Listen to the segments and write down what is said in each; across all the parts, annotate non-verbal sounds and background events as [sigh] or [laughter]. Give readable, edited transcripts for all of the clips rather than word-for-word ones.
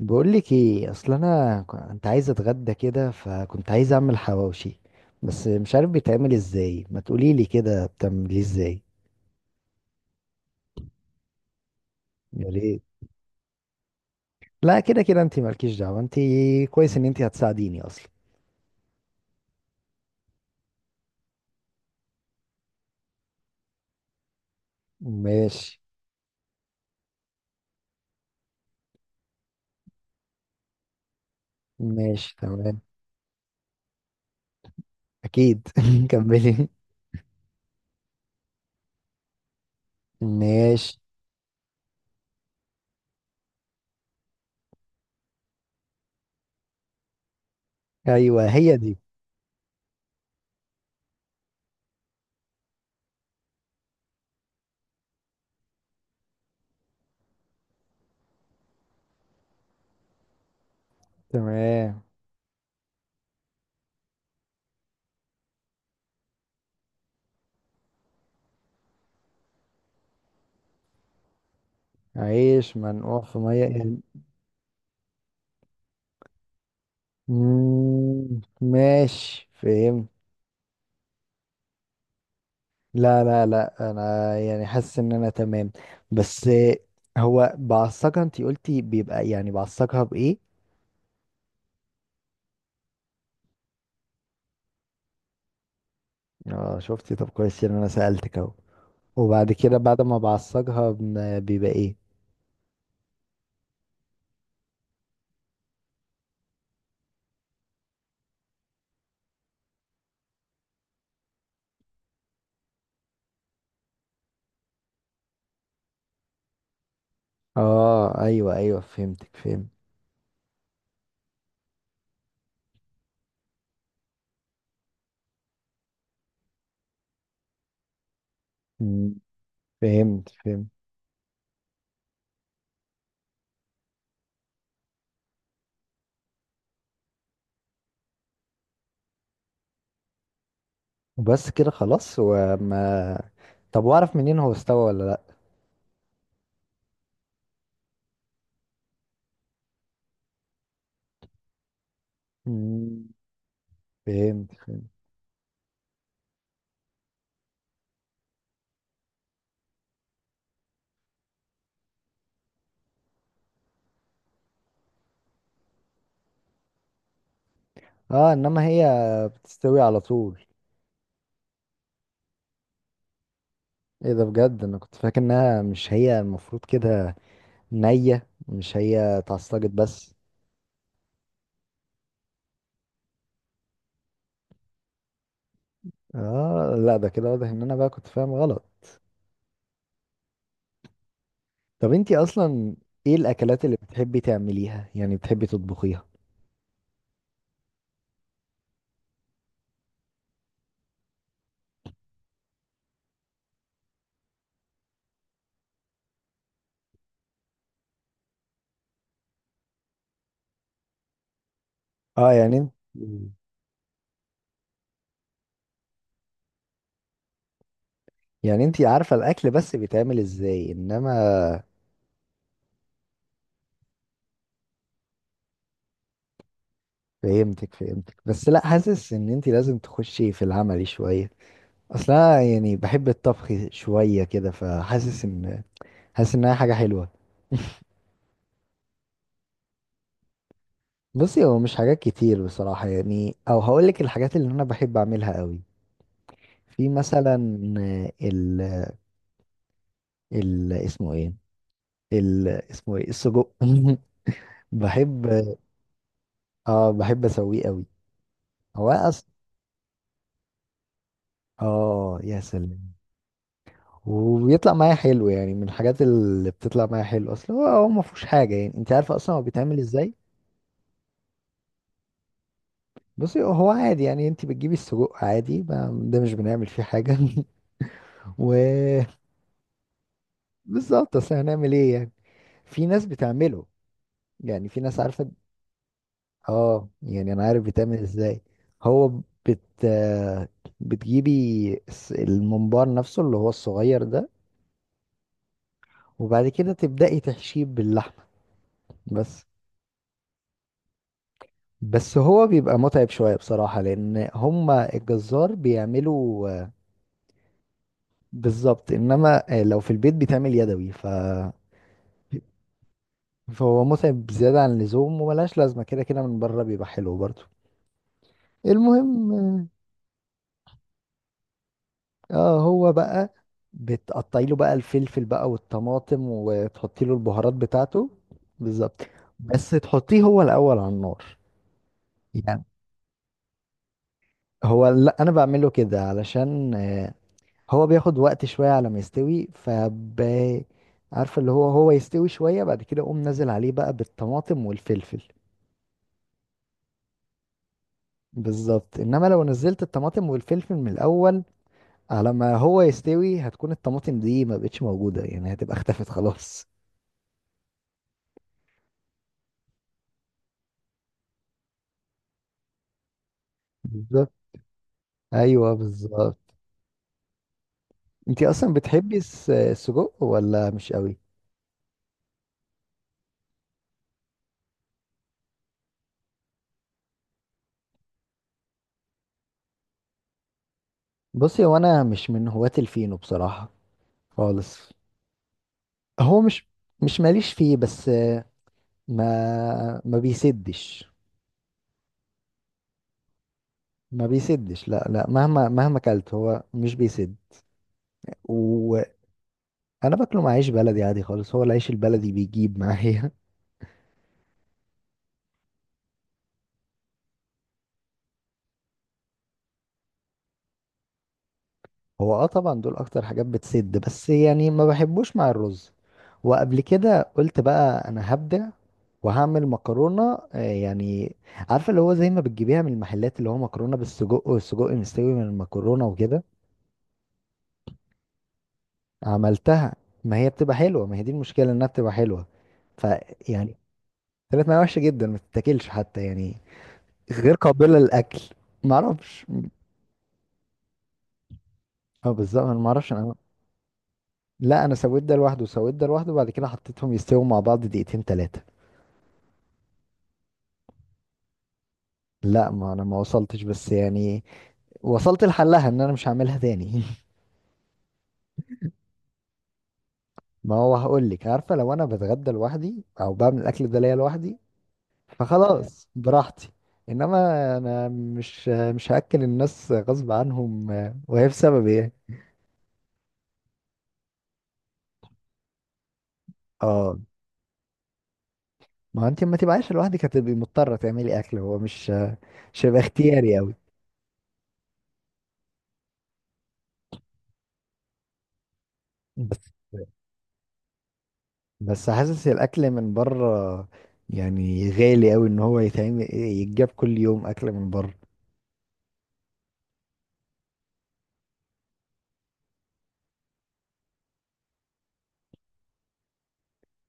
بقول لك ايه، اصل انا كنت عايز اتغدى كده فكنت عايز اعمل حواوشي، بس مش عارف بيتعمل ازاي، ما تقولي لي كده بتعمليه ازاي؟ يا ريت. لا كده كده انت مالكيش دعوه انت. كويس ان انت هتساعديني اصلا. ماشي. ماشي تمام. اكيد. [laughs] كملي. ماشي. ايوه هي دي. تمام. عيش منقوع في ميه. ماشي فهمت. لا لا لا، انا يعني حاسس ان انا تمام. بس. هو بعصقها انتي قلتي بيبقى، يعني بعصقها بايه؟ اه شفتي؟ طب كويس ان انا سألتك اهو. وبعد كده، بعد ما بعصقها بيبقى ايه؟ اه ايوه ايوه، فهمتك فهمت. مم، فهمت فهمت. وبس كده خلاص طب واعرف منين هو استوى ولا لا؟ مم، فهمت فهمت. اه انما هي بتستوي على طول. ايه ده؟ بجد انا كنت فاكر انها مش هي المفروض كده. نية، مش هي اتعصجت بس. اه لا، ده كده واضح ان انا بقى كنت فاهم غلط. طب انتي اصلا، ايه الاكلات اللي بتحبي تعمليها، يعني بتحبي تطبخيها؟ اه يعني انت مم. يعني انتي عارفة الاكل بس بيتعمل ازاي، انما... فهمتك فهمتك، بس لا حاسس ان انتي لازم تخشي في العملي شوية. اصلا يعني بحب الطبخ شوية كده، فحاسس ان... حاسس انها حاجة حلوة. بصي هو مش حاجات كتير بصراحة، يعني او هقولك الحاجات اللي انا بحب اعملها قوي. في مثلا... ال، ال اسمه ايه، ال اسمه ايه، السجق. [laughs] بحب. اه بحب اسويه قوي. هو اصلا... اه يا سلام. وبيطلع معايا حلو، يعني من الحاجات اللي بتطلع معايا حلو اصلا. هو ما فيهوش حاجه، يعني انت عارفه اصلا هو بيتعمل ازاي؟ بصي هو عادي، يعني انت بتجيبي السجق عادي، ده مش بنعمل فيه حاجه. [laughs] و بالظبط، اصل هنعمل ايه يعني؟ في ناس بتعمله. يعني في ناس عارفه. اه يعني انا عارف بيتعمل ازاي. هو بت آه، بتجيبي الممبار نفسه اللي هو الصغير ده. وبعد كده تبدأي تحشيه باللحمة. بس. بس هو بيبقى متعب شوية بصراحة، لأن هما الجزار بيعملوا. بالظبط، إنما لو في البيت بيتعمل يدوي. فهو متعب زيادة عن اللزوم، وملهاش لازمة. كده كده من بره بيبقى حلو برضه. المهم. اه هو بقى، بتقطعي له بقى الفلفل بقى والطماطم وتحطي له البهارات بتاعته. بالظبط. بس تحطيه هو الاول على النار. يعني، هو لا انا بعمله كده علشان. هو بياخد وقت شويه على ما يستوي. عارفه، اللي هو يستوي شويه. بعد كده اقوم نازل عليه بقى بالطماطم والفلفل. بالظبط، انما لو نزلت الطماطم والفلفل من الاول، على ما هو يستوي هتكون الطماطم دي ما بقتش موجوده، يعني هتبقى اختفت خلاص. بالظبط. ايوه بالظبط. انتي اصلا بتحبي السجق ولا مش قوي؟ بصي هو انا مش من هواة الفينو بصراحة. خالص. هو مش، ماليش فيه بس. ما بيسدش. ما بيسدش، لا لا، مهما مهما اكلت هو مش بيسد. وانا... باكله مع عيش بلدي عادي خالص. هو العيش البلدي بيجيب معايا. هو اه طبعا دول اكتر حاجات بتسد، بس يعني ما بحبوش مع الرز. وقبل كده قلت بقى انا هبدع، وهعمل مكرونه يعني، عارفه اللي هو زي ما بتجيبيها من المحلات، اللي هو مكرونه بالسجق والسجق مستوي من المكرونه وكده. عملتها. ما هي بتبقى حلوه. ما هي دي المشكله، انها بتبقى حلوه. فيعني... طلعت معايا وحشه جدا، ما تتاكلش حتى يعني. غير قابله للاكل. ما اعرفش. اه بالظبط، انا ما اعرفش انا. لا انا سويت ده لوحده وسويت ده لوحده، وبعد كده حطيتهم يستووا مع بعض دقيقتين 3. لا ما انا ما وصلتش، بس يعني وصلت لحلها ان انا مش هعملها تاني. [laughs] ما هو هقول لك، عارفه لو انا بتغدى لوحدي او بعمل الاكل ده ليا لوحدي. فخلاص براحتي. انما... انا مش هاكل الناس غصب عنهم وهي بسبب ايه؟ اه ما هو انت ما تبقاش لوحدك هتبقي مضطره تعملي اكل، هو مش مش هيبقى اختياري قوي. بس بس حاسس الاكل من بره، يعني غالي قوي ان هو يتعمل يتجاب كل يوم اكل من بره.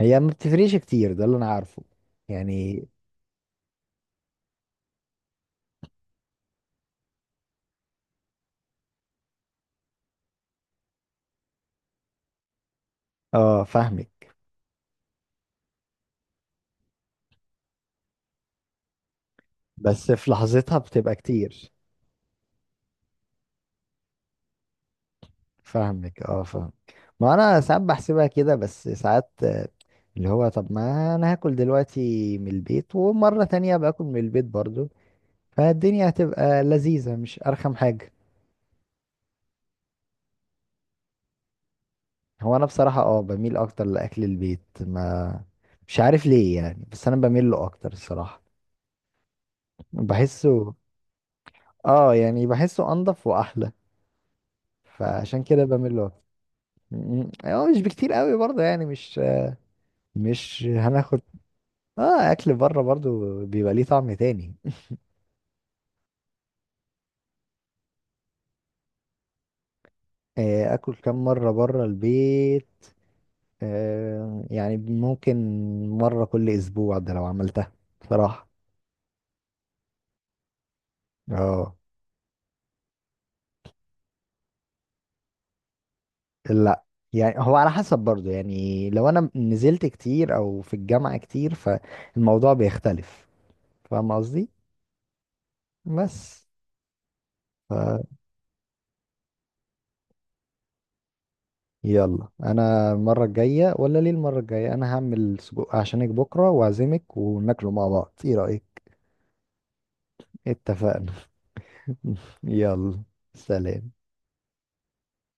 هي ما بتفرقش كتير، ده اللي انا عارفه يعني. اه فاهمك، بس في لحظتها بتبقى كتير. فاهمك اه فاهم. ما انا ساعات بحسبها كده، بس ساعات. اللي هو، طب ما انا هاكل دلوقتي من البيت ومرة تانية باكل من البيت برضو، فالدنيا هتبقى لذيذة مش ارخم حاجة. هو انا بصراحة اه بميل اكتر لاكل البيت، ما مش عارف ليه يعني، بس انا بميل له اكتر الصراحة. بحسه. اه يعني بحسه انضف واحلى، فعشان كده بميل له. اه مش بكتير قوي برضه يعني، مش هناخد. اه اكل بره برضه بيبقى ليه طعم تاني. اكل كام مره بره البيت. يعني ممكن، مره كل اسبوع، ده لو عملتها. بصراحه. اه لا، يعني هو على حسب برضه، يعني لو انا نزلت كتير او في الجامعه كتير فالموضوع بيختلف. فاهم قصدي؟ بس... يلا، انا المره الجايه، ولا ليه المره الجايه انا هعمل سجق عشانك بكره واعزمك وناكله مع بعض، ايه رايك؟ اتفقنا. [laughs] يلا. سلام.